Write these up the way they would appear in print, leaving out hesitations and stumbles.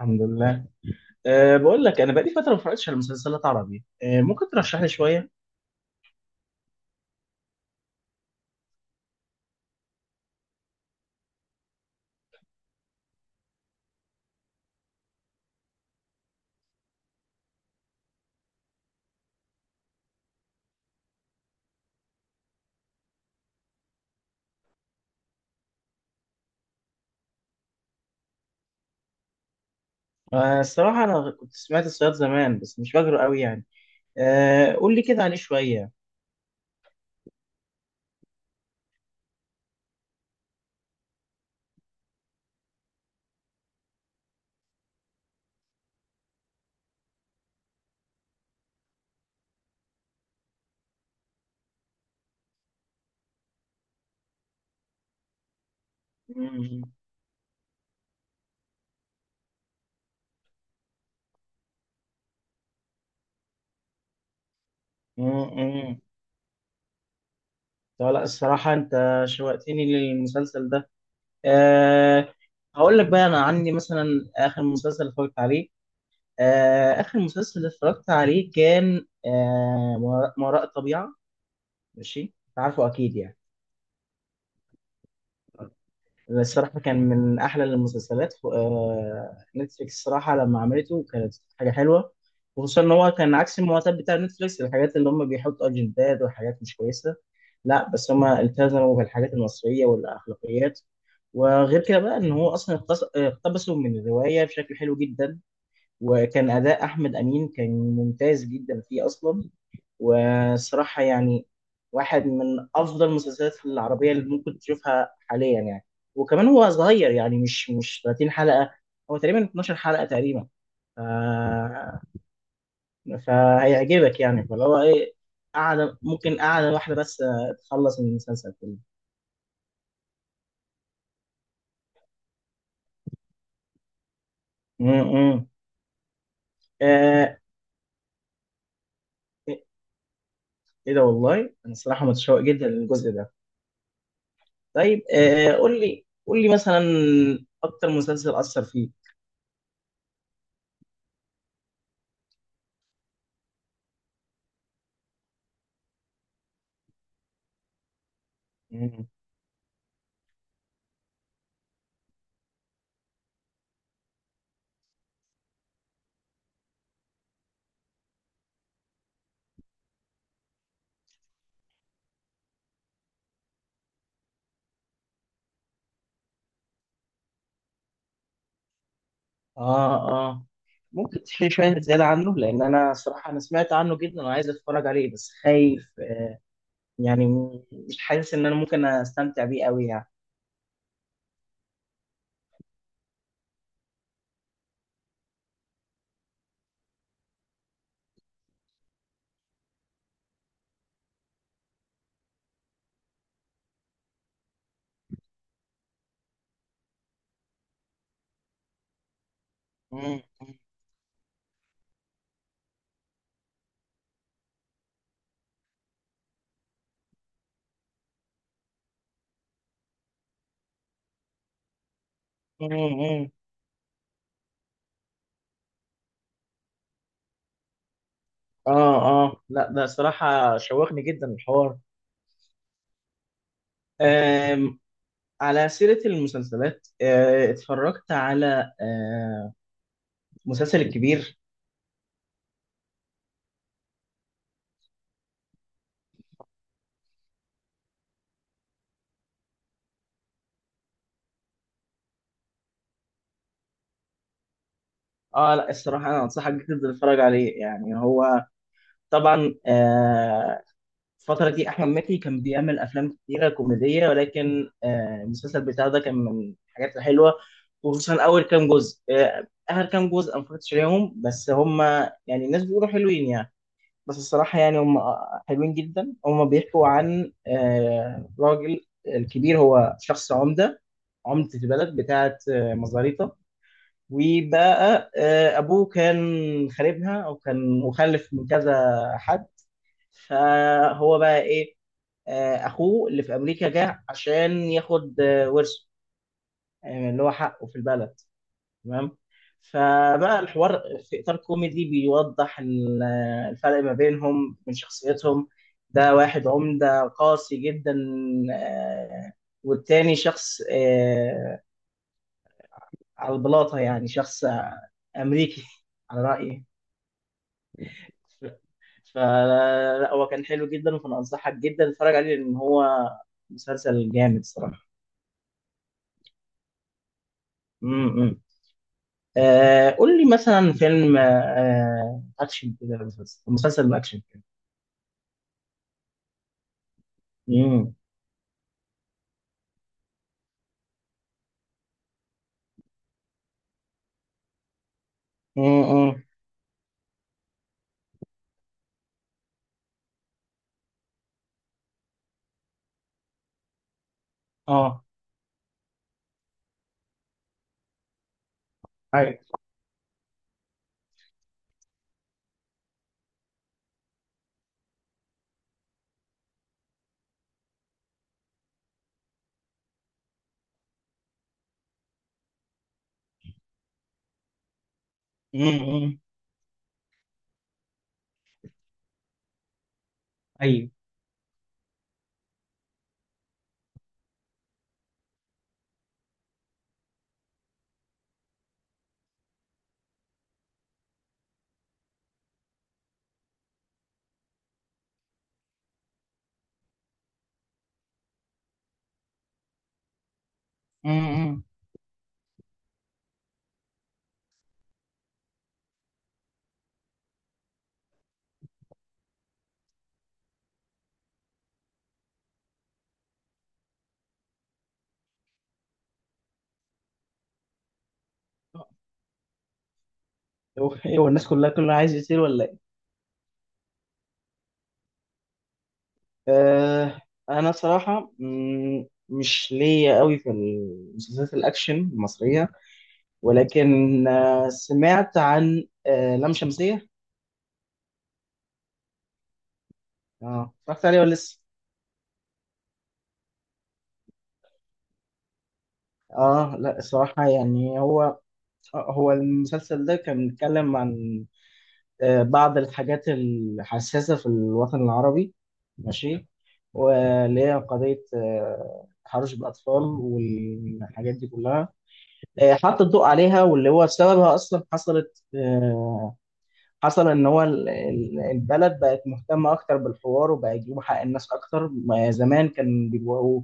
الحمد لله. بقول لك انا بقالي فتره ما اتفرجتش على مسلسلات عربي، ممكن ترشح لي شويه. الصراحه انا كنت سمعت الصياد زمان بس مش فاكره قوي يعني. قول لي كده عليه شويه. مم. مم. مم. طب لا الصراحه انت شوقتني للمسلسل ده. أه هقول لك بقى انا عني مثلا، اخر مسلسل اتفرجت عليه اخر مسلسل اتفرجت عليه كان ما وراء الطبيعه. ماشي، أنت عارفه اكيد يعني. الصراحة كان من أحلى المسلسلات نتفليكس، الصراحة لما عملته كانت حاجة حلوة. وخصوصا إن هو كان عكس المعتاد بتاع نتفليكس، الحاجات اللي هم بيحطوا أجندات وحاجات مش كويسة. لا بس هم التزموا بالحاجات المصرية والأخلاقيات. وغير كده بقى إن هو أصلا اقتبسوا من الرواية بشكل حلو جدا. وكان أداء أحمد أمين كان ممتاز جدا فيه أصلا. وصراحة يعني واحد من أفضل المسلسلات العربية اللي ممكن تشوفها حاليا يعني. وكمان هو صغير يعني مش 30 حلقة، هو تقريبا 12 حلقة تقريبا. ف... فهيعجبك يعني، فاللي هو إيه، قاعدة، ممكن قاعدة واحدة بس تخلص من المسلسل كله. امم آه إيه، إيه ده والله، أنا الصراحة متشوق جدا للجزء ده. طيب، قول لي مثلا أكتر مسلسل أثر فيك. اه اه، ممكن تحكي لي شويه زياده عنه؟ لان انا صراحه انا سمعت عنه جدا وعايز اتفرج عليه بس خايف يعني مش حاسس ان انا ممكن استمتع بيه قوي يعني. مم، مم، مم. اه اه لا ده صراحه شوقني جدا الحوار. آم، على سيره المسلسلات، اتفرجت على مسلسل الكبير. اه لا الصراحه انا انصحك جدا تتفرج عليه يعني هو. طبعا، الفترة دي أحمد مكي كان بيعمل أفلام كتيرة كوميدية ولكن المسلسل بتاعه ده كان من الحاجات الحلوة. وخصوصا أول كام جزء، آخر كام جزء أنا مفرجتش عليهم بس هما يعني الناس بيقولوا حلوين يعني. بس الصراحة يعني هما حلوين جدا. هما بيحكوا عن راجل، الكبير هو شخص عمدة، عمدة البلد بتاعة مزاريطة. وبقى أبوه كان خاربها أو كان مخلف من كذا حد. فهو بقى إيه، اخوه اللي في امريكا جه عشان ياخد ورثه، يعني اللي هو حقه في البلد. تمام. فبقى الحوار في اطار كوميدي بيوضح الفرق ما بينهم من شخصيتهم. ده واحد عمدة قاسي جدا، آه، والتاني شخص على البلاطة يعني، شخص أمريكي على رأيي. فلا، هو كان حلو جدا، فأنا أنصحك جدا تتفرج عليه لأن هو مسلسل جامد صراحة. م- م. قول لي مثلا فيلم اكشن كده، مسلسل اكشن كده. امم امم اه ايوه. امم ايوه. امم هو إيه، هو الناس كلها عايز يصير ولا ايه؟ آه انا صراحة مش ليا قوي في المسلسلات الاكشن المصرية، ولكن سمعت عن لام شمسية. اه، اتفرجت عليه ولا لسه؟ اه لا الصراحة يعني هو هو المسلسل ده كان بيتكلم عن بعض الحاجات الحساسة في الوطن العربي. ماشي، واللي هي قضية تحرش بالأطفال والحاجات دي كلها. حط الضوء عليها واللي هو سببها. أصلا حصلت حصل إن هو البلد بقت مهتمة أكتر بالحوار وبقى يجيبوا حق الناس أكتر. ما زمان كان بيبقوا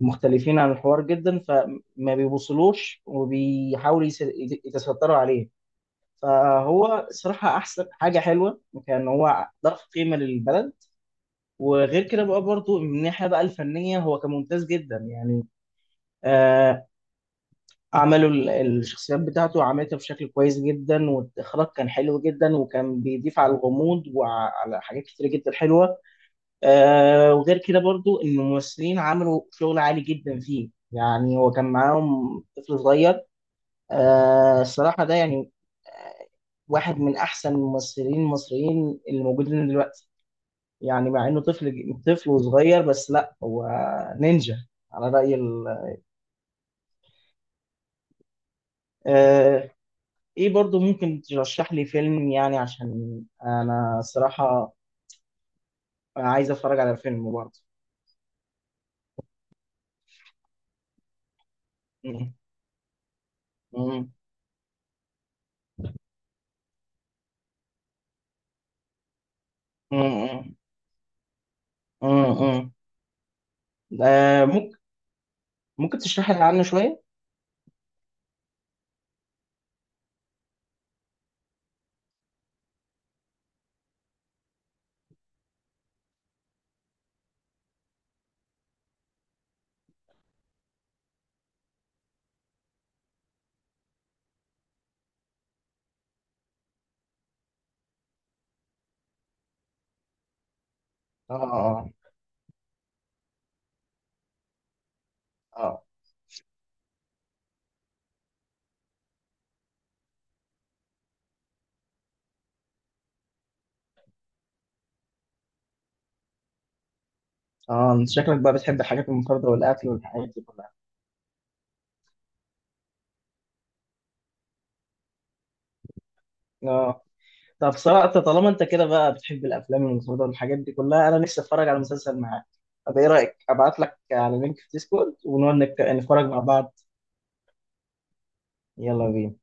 مختلفين عن الحوار جدا فما بيبوصلوش وبيحاولوا يتستروا عليه. فهو صراحة أحسن حاجة حلوة كان هو ضاف قيمة للبلد. وغير كده بقى برضو من الناحية بقى الفنية هو كان ممتاز جدا يعني. آه عملوا الشخصيات بتاعته عملتها بشكل كويس جدا، والإخراج كان حلو جدا وكان بيضيف على الغموض وعلى حاجات كتير جدا حلوة. وغير كده برضو إن الممثلين عملوا شغل عالي جدا فيه. يعني هو كان معاهم طفل صغير. الصراحة ده يعني آه، واحد من أحسن الممثلين المصريين اللي موجودين دلوقتي، يعني مع إنه طفل وصغير، بس لا هو نينجا على رأي ال. آه إيه، برضو ممكن ترشح لي فيلم يعني؟ عشان أنا الصراحة عايز أتفرج على فيلم برضه. م- م- م- م- م. م. ممكن، ممكن تشرح لي عنه شوية؟ آه آه آه شكلك بقى بتحب الحاجات المنفردة والأكل والحاجات دي كلها. آه. طب صراحة طالما انت كده بقى بتحب الافلام والمسلسلات والحاجات دي كلها، انا نفسي اتفرج على مسلسل معاك. طب ايه رايك ابعت لك على لينك في ديسكورد ونقعد نتفرج مع بعض؟ يلا بينا.